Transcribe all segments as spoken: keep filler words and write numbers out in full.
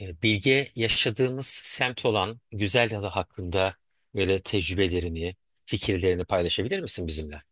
E, Bilge, yaşadığımız semt olan güzel yalı hakkında böyle tecrübelerini, fikirlerini paylaşabilir misin bizimle?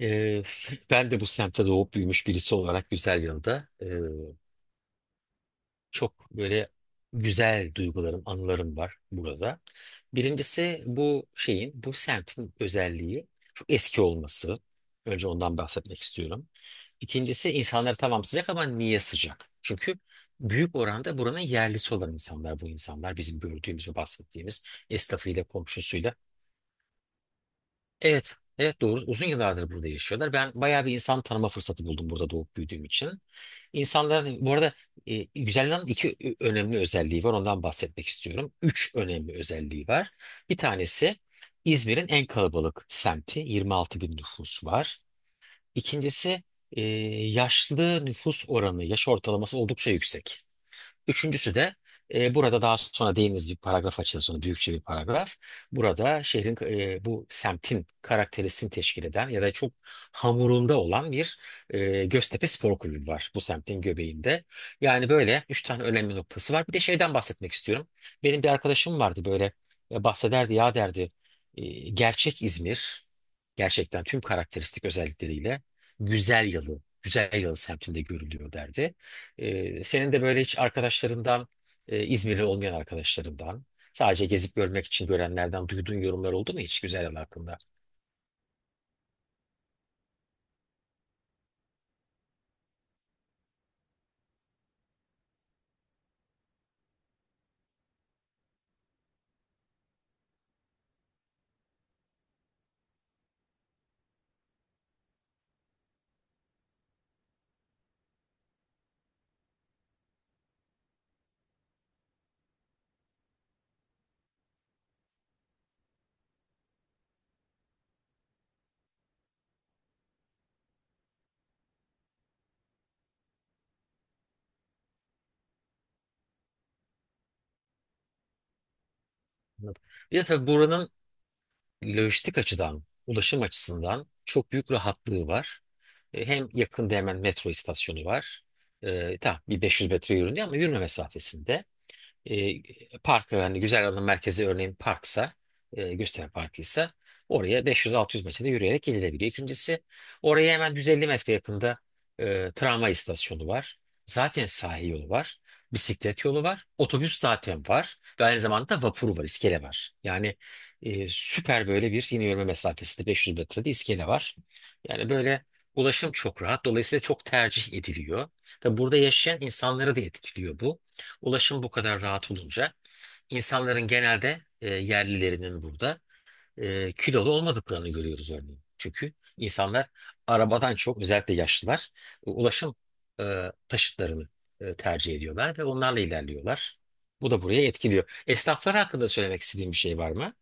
E, Ben de bu semtte doğup büyümüş birisi olarak Güzelyalı'da çok böyle güzel duygularım, anılarım var burada. Birincisi, bu şeyin, bu semtin özelliği çok eski olması. Önce ondan bahsetmek istiyorum. İkincisi, insanlar tamam sıcak ama niye sıcak? Çünkü büyük oranda buranın yerlisi olan insanlar bu insanlar. Bizim gördüğümüz ve bahsettiğimiz esnafıyla, komşusuyla. Evet, evet, doğru. Uzun yıllardır burada yaşıyorlar. Ben bayağı bir insan tanıma fırsatı buldum burada doğup büyüdüğüm için. İnsanların bu arada e, güzelliğin iki ö- önemli özelliği var. Ondan bahsetmek istiyorum. Üç önemli özelliği var. Bir tanesi İzmir'in en kalabalık semti. 26 bin nüfus var. İkincisi e, yaşlı nüfus oranı, yaş ortalaması oldukça yüksek. Üçüncüsü de e, burada daha sonra değiniz bir paragraf açılsın, büyükçe bir paragraf. Burada şehrin, e, bu semtin karakterisini teşkil eden ya da çok hamurunda olan bir e, Göztepe Spor Kulübü var bu semtin göbeğinde. Yani böyle üç tane önemli noktası var. Bir de şeyden bahsetmek istiyorum. Benim bir arkadaşım vardı böyle, e, bahsederdi ya, derdi e, gerçek İzmir gerçekten tüm karakteristik özellikleriyle güzel yalı, güzel yalı semtinde görülüyor derdi. Ee, senin de böyle hiç arkadaşlarından, e, İzmirli olmayan arkadaşlarından, sadece gezip görmek için görenlerden duyduğun yorumlar oldu mu hiç güzel yer hakkında? Anladım. Bir de tabii buranın lojistik açıdan, ulaşım açısından çok büyük rahatlığı var. E, hem yakında hemen metro istasyonu var. E, tamam, bir 500 metre yürünüyor ama yürüme mesafesinde. e, Park, hani güzel alım merkezi, örneğin parksa, e, gösteri parkıysa, oraya beş yüz altı yüz metrede yürüyerek gidilebiliyor. İkincisi, oraya hemen yüz elli metre yakında e, tramvay istasyonu var. Zaten sahil yolu var. Bisiklet yolu var. Otobüs zaten var. Ve aynı zamanda da vapuru var, iskele var. Yani e, süper böyle bir, yine yürüme mesafesinde beş yüz metrede iskele var. Yani böyle ulaşım çok rahat. Dolayısıyla çok tercih ediliyor. Tabi burada yaşayan insanları da etkiliyor bu. Ulaşım bu kadar rahat olunca insanların, genelde e, yerlilerinin burada e, kilolu olmadıklarını görüyoruz örneğin. Çünkü insanlar arabadan çok, özellikle yaşlılar, e, ulaşım e, taşıtlarını e, tercih ediyorlar ve onlarla ilerliyorlar. Bu da buraya etkiliyor. Esnaflar hakkında söylemek istediğim bir şey var mı?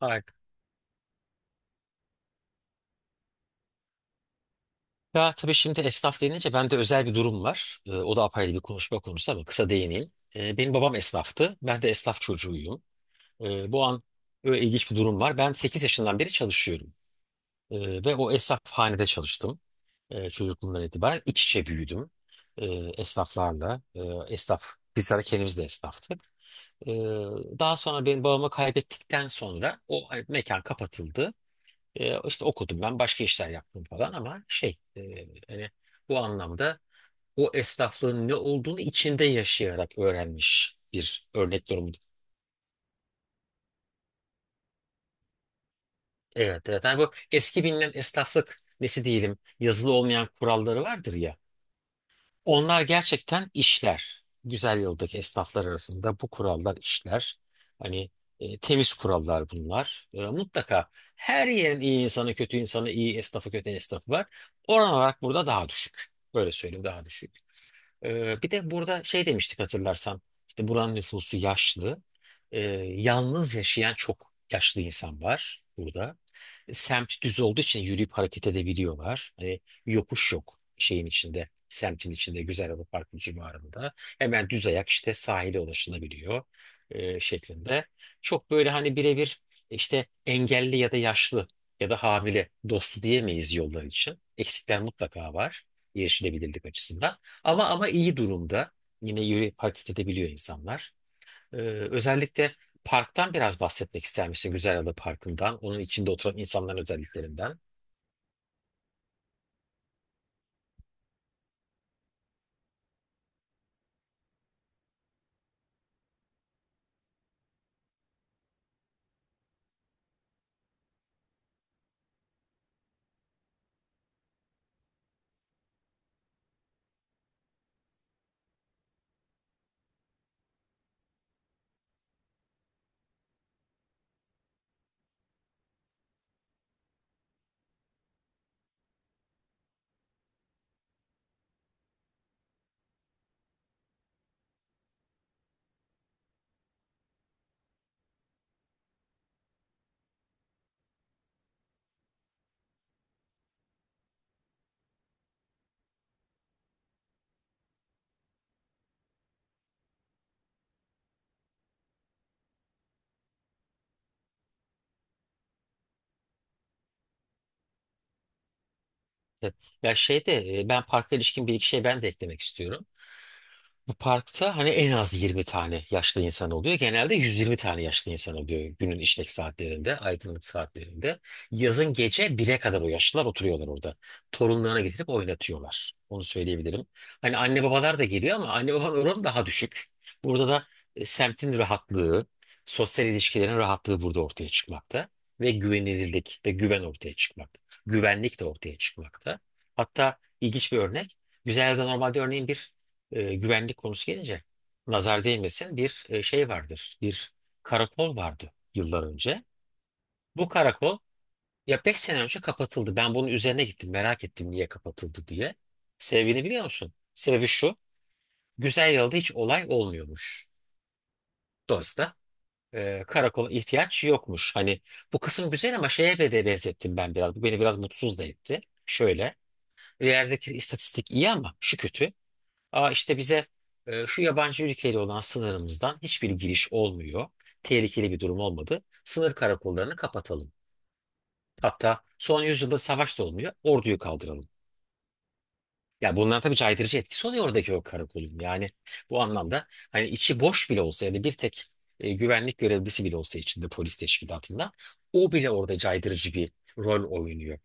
Hayır. Ya tabii, şimdi esnaf denince bende özel bir durum var. E, o da apayrı bir konuşma konusu ama kısa değineyim. E, benim babam esnaftı. Ben de esnaf çocuğuyum. Ee, bu an öyle ilginç bir durum var. Ben sekiz yaşından beri çalışıyorum. Ee, ve o esnafhanede çalıştım. Ee, çocukluğumdan itibaren iç içe büyüdüm Ee, esnaflarla. Ee, esnaf, Bizler kendimiz de esnaftık. Ee, Daha sonra, benim babamı kaybettikten sonra, o hani mekan kapatıldı. Ee, işte okudum, ben başka işler yaptım falan ama şey e, hani bu anlamda o esnaflığın ne olduğunu içinde yaşayarak öğrenmiş bir örnek. Evet, evet. Hani bu eski bilinen esnaflık nesi diyelim, yazılı olmayan kuralları vardır ya. Onlar gerçekten işler. Güzel yıldaki esnaflar arasında bu kurallar işler. Hani e, temiz kurallar bunlar. E, mutlaka her yerin iyi insanı, kötü insanı, iyi esnafı, kötü esnafı var. Oran olarak burada daha düşük. Böyle söyleyeyim, daha düşük. E, bir de burada şey demiştik, hatırlarsan. İşte buranın nüfusu yaşlı. E, Yalnız yaşayan çok yaşlı insan var burada, semt düz olduğu için yürüyüp hareket edebiliyorlar. Hani yokuş yok şeyin içinde, semtin içinde, Güzel Parkı civarında. Hemen düz ayak işte sahile ulaşılabiliyor e, şeklinde. Çok böyle hani birebir işte engelli ya da yaşlı ya da hamile dostu diyemeyiz yollar için. Eksikler mutlaka var erişilebilirlik açısından. Ama ama iyi durumda. Yine yürüyüp hareket edebiliyor insanlar. Ee, Özellikle parktan biraz bahsetmek ister misin? Güzelada Parkı'ndan, onun içinde oturan insanların özelliklerinden. Evet. Ya şeyde e, ben parka ilişkin bir iki şey ben de eklemek istiyorum. Bu parkta hani en az yirmi tane yaşlı insan oluyor. Genelde yüz yirmi tane yaşlı insan oluyor günün işlek saatlerinde, aydınlık saatlerinde. Yazın gece bire kadar o yaşlılar oturuyorlar orada. Torunlarına getirip oynatıyorlar. Onu söyleyebilirim. Hani anne babalar da geliyor ama anne babanın oranı daha düşük. Burada da e, semtin rahatlığı, sosyal ilişkilerin rahatlığı burada ortaya çıkmakta. Ve güvenilirlik ve güven ortaya çıkmakta. Güvenlik de ortaya çıkmakta. Hatta ilginç bir örnek. Güzel'de normalde, örneğin, bir e, güvenlik konusu gelince, nazar değmesin, bir e, şey vardır. Bir karakol vardı yıllar önce. Bu karakol ya beş sene önce kapatıldı. Ben bunun üzerine gittim, merak ettim niye kapatıldı diye. Sebebini biliyor musun? Sebebi şu. Güzel yılda hiç olay olmuyormuş. Dolayısıyla e, karakola ihtiyaç yokmuş. Hani bu kısım güzel ama şeye be de benzettim ben biraz. Bu beni biraz mutsuz da etti. Şöyle. Bir yerdeki istatistik iyi ama şu kötü. Aa, işte bize e, şu yabancı ülkeyle olan sınırımızdan hiçbir giriş olmuyor. Tehlikeli bir durum olmadı. Sınır karakollarını kapatalım. Hatta son yüzyılda savaş da olmuyor. Orduyu kaldıralım. Ya bunların tabii caydırıcı etkisi oluyor, oradaki o karakolun. Yani bu anlamda, hani içi boş bile olsa, yani bir tek e, güvenlik görevlisi bile olsa içinde, polis teşkilatında, o bile orada caydırıcı bir rol oynuyor.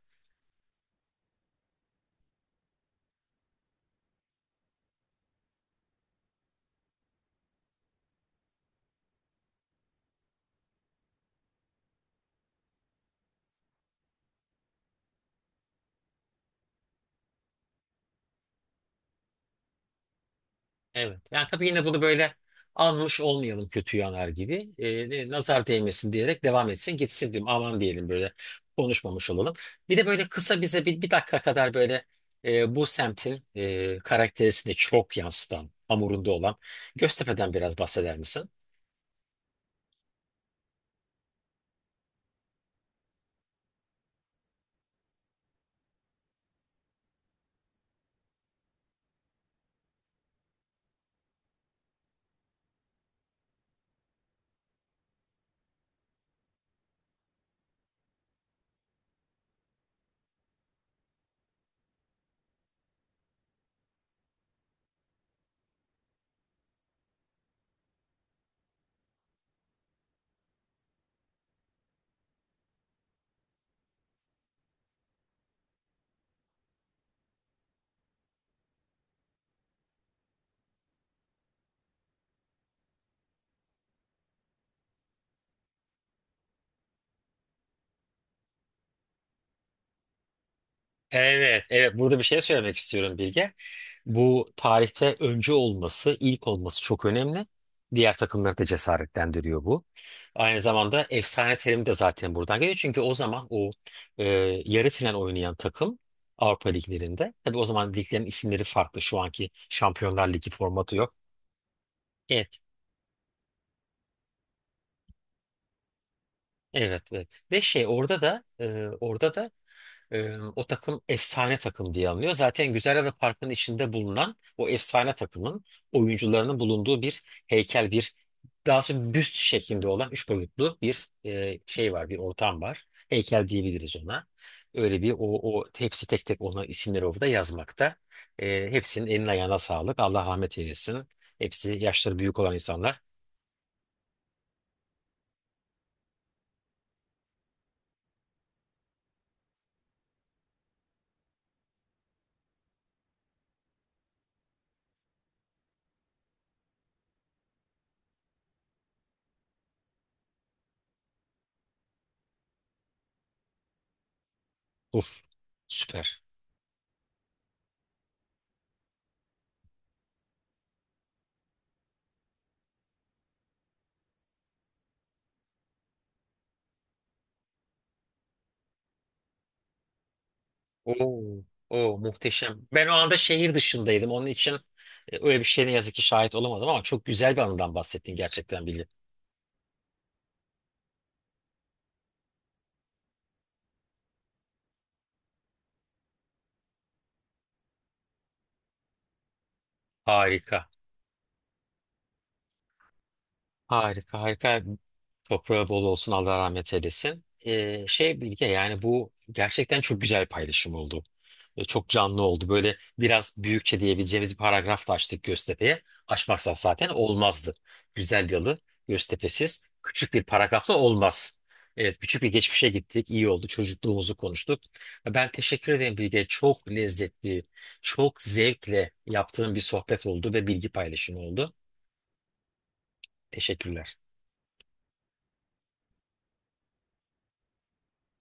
Evet. Yani tabii, yine bunu böyle almış olmayalım kötü yanar gibi. Ee, ne- nazar değmesin diyerek devam etsin gitsin diyorum. Aman diyelim, böyle konuşmamış olalım. Bir de böyle kısa bize bir, bir dakika kadar böyle e, bu semtin e, karakterisini çok yansıtan, hamurunda olan Göztepe'den biraz bahseder misin? Evet, evet. Burada bir şey söylemek istiyorum, Bilge. Bu tarihte öncü olması, ilk olması çok önemli. Diğer takımları da cesaretlendiriyor bu. Aynı zamanda efsane terimi de zaten buradan geliyor. Çünkü o zaman o e, yarı final oynayan takım Avrupa liglerinde. Tabii o zaman liglerin isimleri farklı. Şu anki Şampiyonlar Ligi formatı yok. Evet, evet, evet. Ve şey orada da e, orada da Ee, o takım efsane takım diye anılıyor. Zaten Güzelhave Parkı'nın içinde bulunan o efsane takımın oyuncularının bulunduğu bir heykel, bir daha sonra büst şeklinde olan üç boyutlu bir e, şey var, bir ortam var. Heykel diyebiliriz ona. Öyle bir o, o hepsi tek tek ona isimleri orada yazmakta. Ee, hepsinin eline ayağına sağlık. Allah rahmet eylesin. Hepsi yaşları büyük olan insanlar. Uf, süper. Oo, oo, muhteşem. Ben o anda şehir dışındaydım. Onun için e, öyle bir şeye ne yazık ki şahit olamadım ama çok güzel bir anıdan bahsettin gerçekten, Billy. Harika. Harika, harika. Toprağı bol olsun, Allah rahmet eylesin. Ee, şey Bilge, yani bu gerçekten çok güzel bir paylaşım oldu. Ee, çok canlı oldu. Böyle biraz büyükçe diyebileceğimiz bir paragraf da açtık Göztepe'ye. Açmazsak zaten olmazdı. Güzel yalı Göztepe'siz küçük bir paragrafla olmaz. Evet, küçük bir geçmişe gittik. İyi oldu. Çocukluğumuzu konuştuk. Ben teşekkür ederim, Bilge. Çok lezzetli, çok zevkle yaptığım bir sohbet oldu ve bilgi paylaşımı oldu. Teşekkürler.